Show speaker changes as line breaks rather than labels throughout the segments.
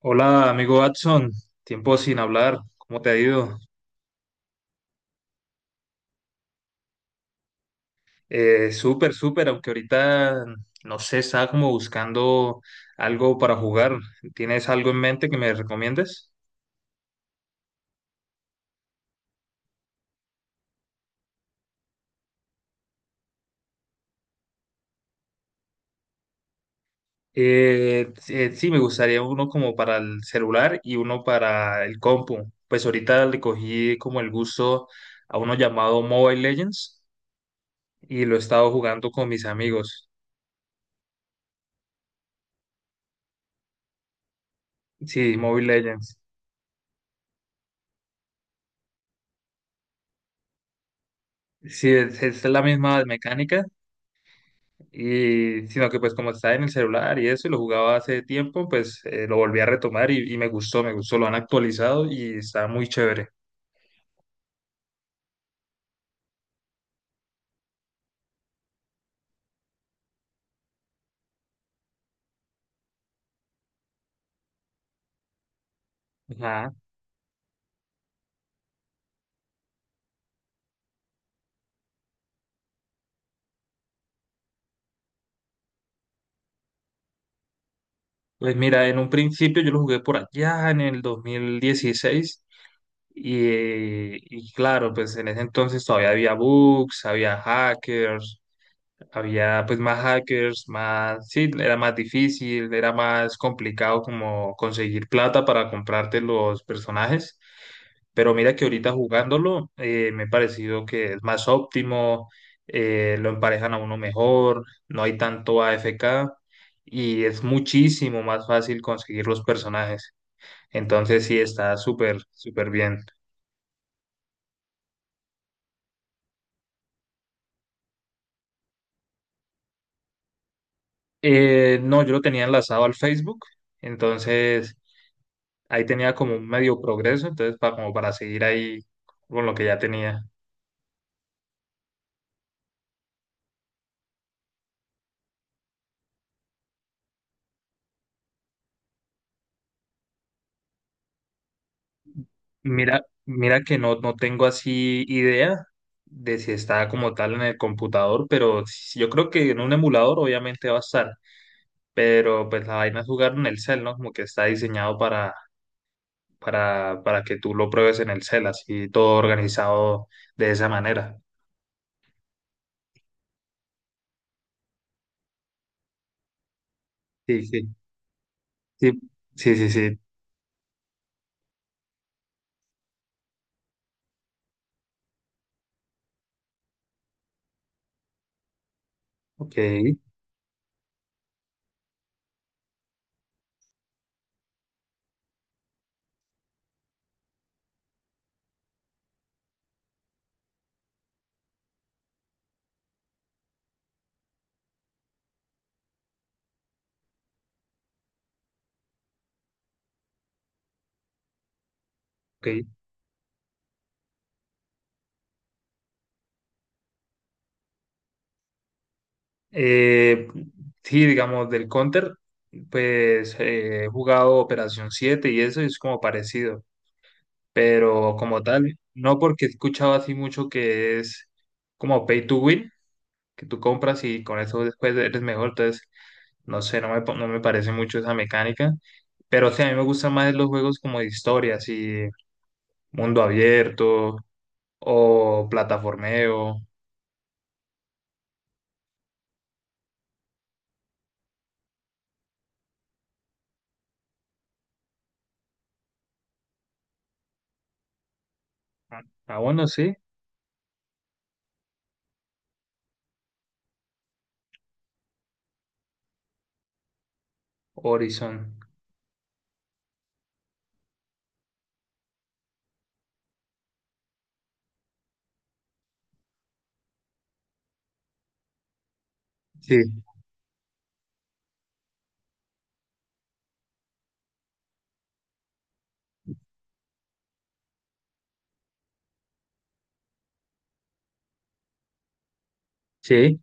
Hola, amigo Watson. Tiempo sin hablar. ¿Cómo te ha ido? Súper, súper, aunque ahorita, no sé, estaba como buscando algo para jugar. ¿Tienes algo en mente que me recomiendes? Sí, me gustaría uno como para el celular y uno para el compu. Pues ahorita le cogí como el gusto a uno llamado Mobile Legends y lo he estado jugando con mis amigos. Sí, Mobile Legends. Sí, es la misma mecánica, y, sino que pues como estaba en el celular y eso, y lo jugaba hace tiempo, pues lo volví a retomar y me gustó, lo han actualizado y está muy chévere. Ajá. Pues mira, en un principio yo lo jugué por allá en el 2016 y claro, pues en ese entonces todavía había bugs, había hackers, había pues más hackers, más, sí, era más difícil, era más complicado como conseguir plata para comprarte los personajes. Pero mira que ahorita jugándolo, me ha parecido que es más óptimo, lo emparejan a uno mejor, no hay tanto AFK y es muchísimo más fácil conseguir los personajes. Entonces sí, está súper, súper bien. No, yo lo tenía enlazado al Facebook, entonces ahí tenía como un medio progreso, entonces para, como para seguir ahí con lo que ya tenía. Mira, mira que no, no tengo así idea de si está como tal en el computador, pero yo creo que en un emulador obviamente va a estar, pero pues la vaina es jugar en el cel, ¿no? Como que está diseñado para, para que tú lo pruebes en el cel, así todo organizado de esa manera. Sí, sí, sí, sí, sí, sí. Ok, ok. Eh, sí, digamos, del Counter, pues he jugado Operación Siete y eso y es como parecido. Pero como tal, no, porque he escuchado así mucho que es como pay to win, que tú compras y con eso después eres mejor, entonces no sé, no me parece mucho esa mecánica, pero sí, a mí me gustan más los juegos como de historias y mundo abierto o plataformeo. Ah, bueno, sí. Horizon, sí, sí,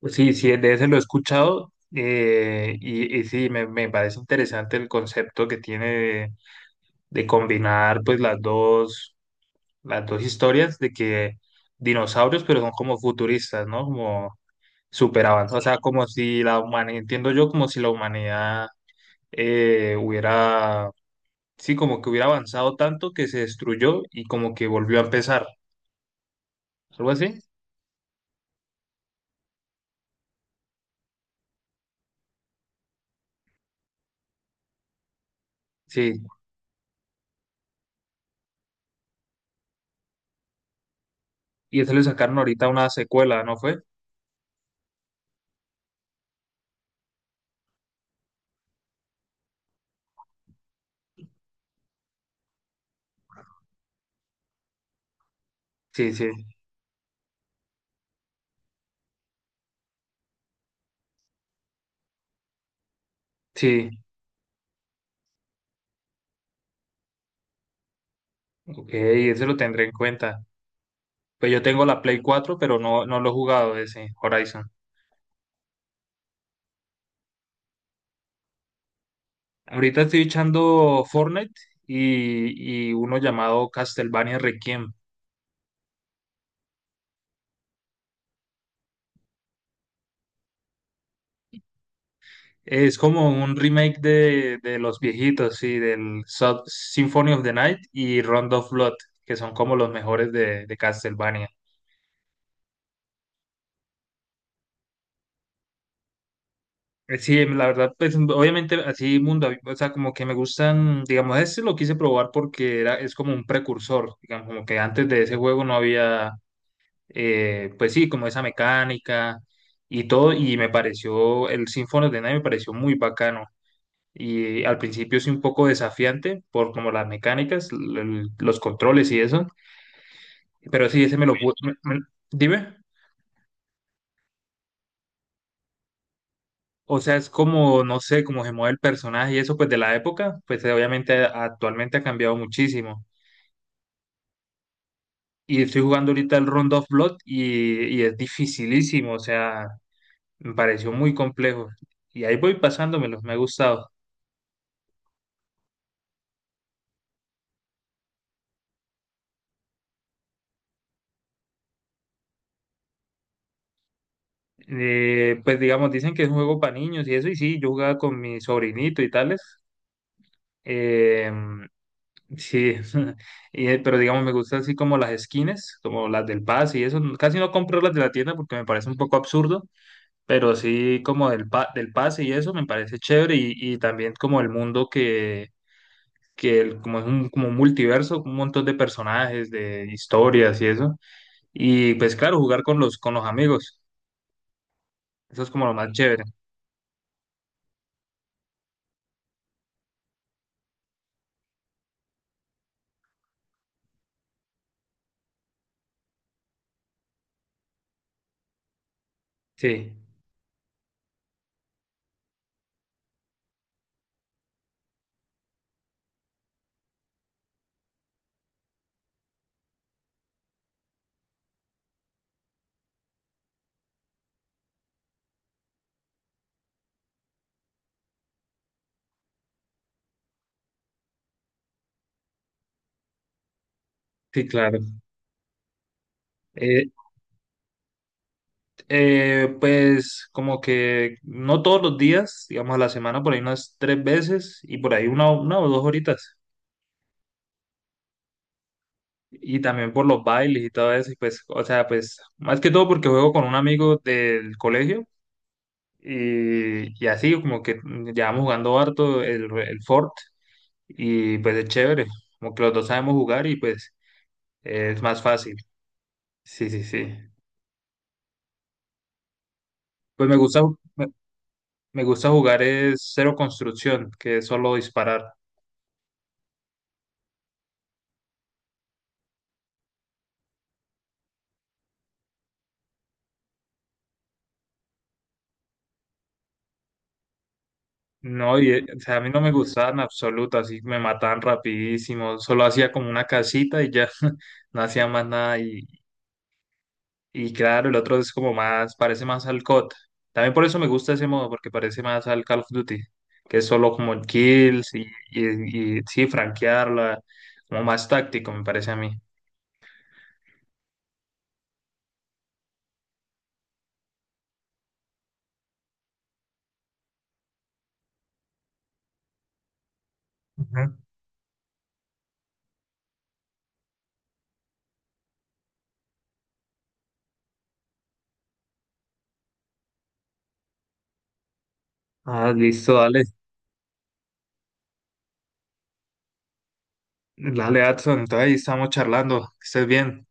pues sí, sí, de ese lo he escuchado. Y sí, me parece interesante el concepto que tiene de combinar pues las dos historias de que dinosaurios, pero son como futuristas, ¿no? Como súper avanzados, o sea, como si la humanidad, entiendo yo, como si la humanidad eh, hubiera, sí, como que hubiera avanzado tanto que se destruyó y como que volvió a empezar, algo así, sí, y eso le sacaron ahorita una secuela, ¿no fue? Sí, sí, sí, ok, ese lo tendré en cuenta. Pues yo tengo la Play cuatro, pero no, no lo he jugado ese Horizon. Ahorita estoy echando Fortnite y uno llamado Castlevania Requiem. Es como un remake de los viejitos, sí, del Symphony of the Night y Round of Blood, que son como los mejores de Castlevania. Sí, la verdad, pues obviamente así mundo, o sea, como que me gustan, digamos, este lo quise probar porque es como un precursor, digamos, como que antes de ese juego no había pues sí, como esa mecánica y todo, y me pareció, el Symphony of the Night me pareció muy bacano. Y al principio sí un poco desafiante por como las mecánicas, los controles y eso, pero sí, ese me lo pude, dime, o sea, es como, no sé, como se mueve el personaje y eso, pues de la época, pues obviamente actualmente ha cambiado muchísimo. Y estoy jugando ahorita el Round of Blood y es dificilísimo, o sea, me pareció muy complejo. Y ahí voy pasándomelo, me ha gustado. Pues digamos, dicen que es un juego para niños y eso, y sí, yo jugaba con mi sobrinito y tales. eh, sí, pero digamos, me gusta así como las skins, como las del Paz y eso. Casi no compro las de la tienda porque me parece un poco absurdo, pero sí como del, pa del Paz y eso me parece chévere y también como el mundo como es un como un multiverso, un montón de personajes, de historias y eso. Y pues claro, jugar con los amigos, eso es como lo más chévere. Sí, sí, claro. Eh, pues como que no todos los días, digamos a la semana, por ahí unas 3 veces y por ahí una o 2 horitas. Y también por los bailes y todo eso. Y pues, o sea, pues más que todo porque juego con un amigo del colegio y así como que llevamos jugando harto el Fort y pues es chévere. Como que los dos sabemos jugar y pues es más fácil. Sí, sí, sí. Pues me gusta, me me gusta jugar es cero construcción, que es solo disparar. No, o sea, a mí no me gustaban en absoluto, así me mataban rapidísimo, solo hacía como una casita y ya no hacía más nada y claro, el otro es como más, parece más al COD. También por eso me gusta ese modo, porque parece más al Call of Duty, que es solo como el kills y sí, franquearla, como más táctico me parece a mí. Ujú. Ah, listo, dale, dale, Adson, entonces ahí estamos charlando, que estés bien.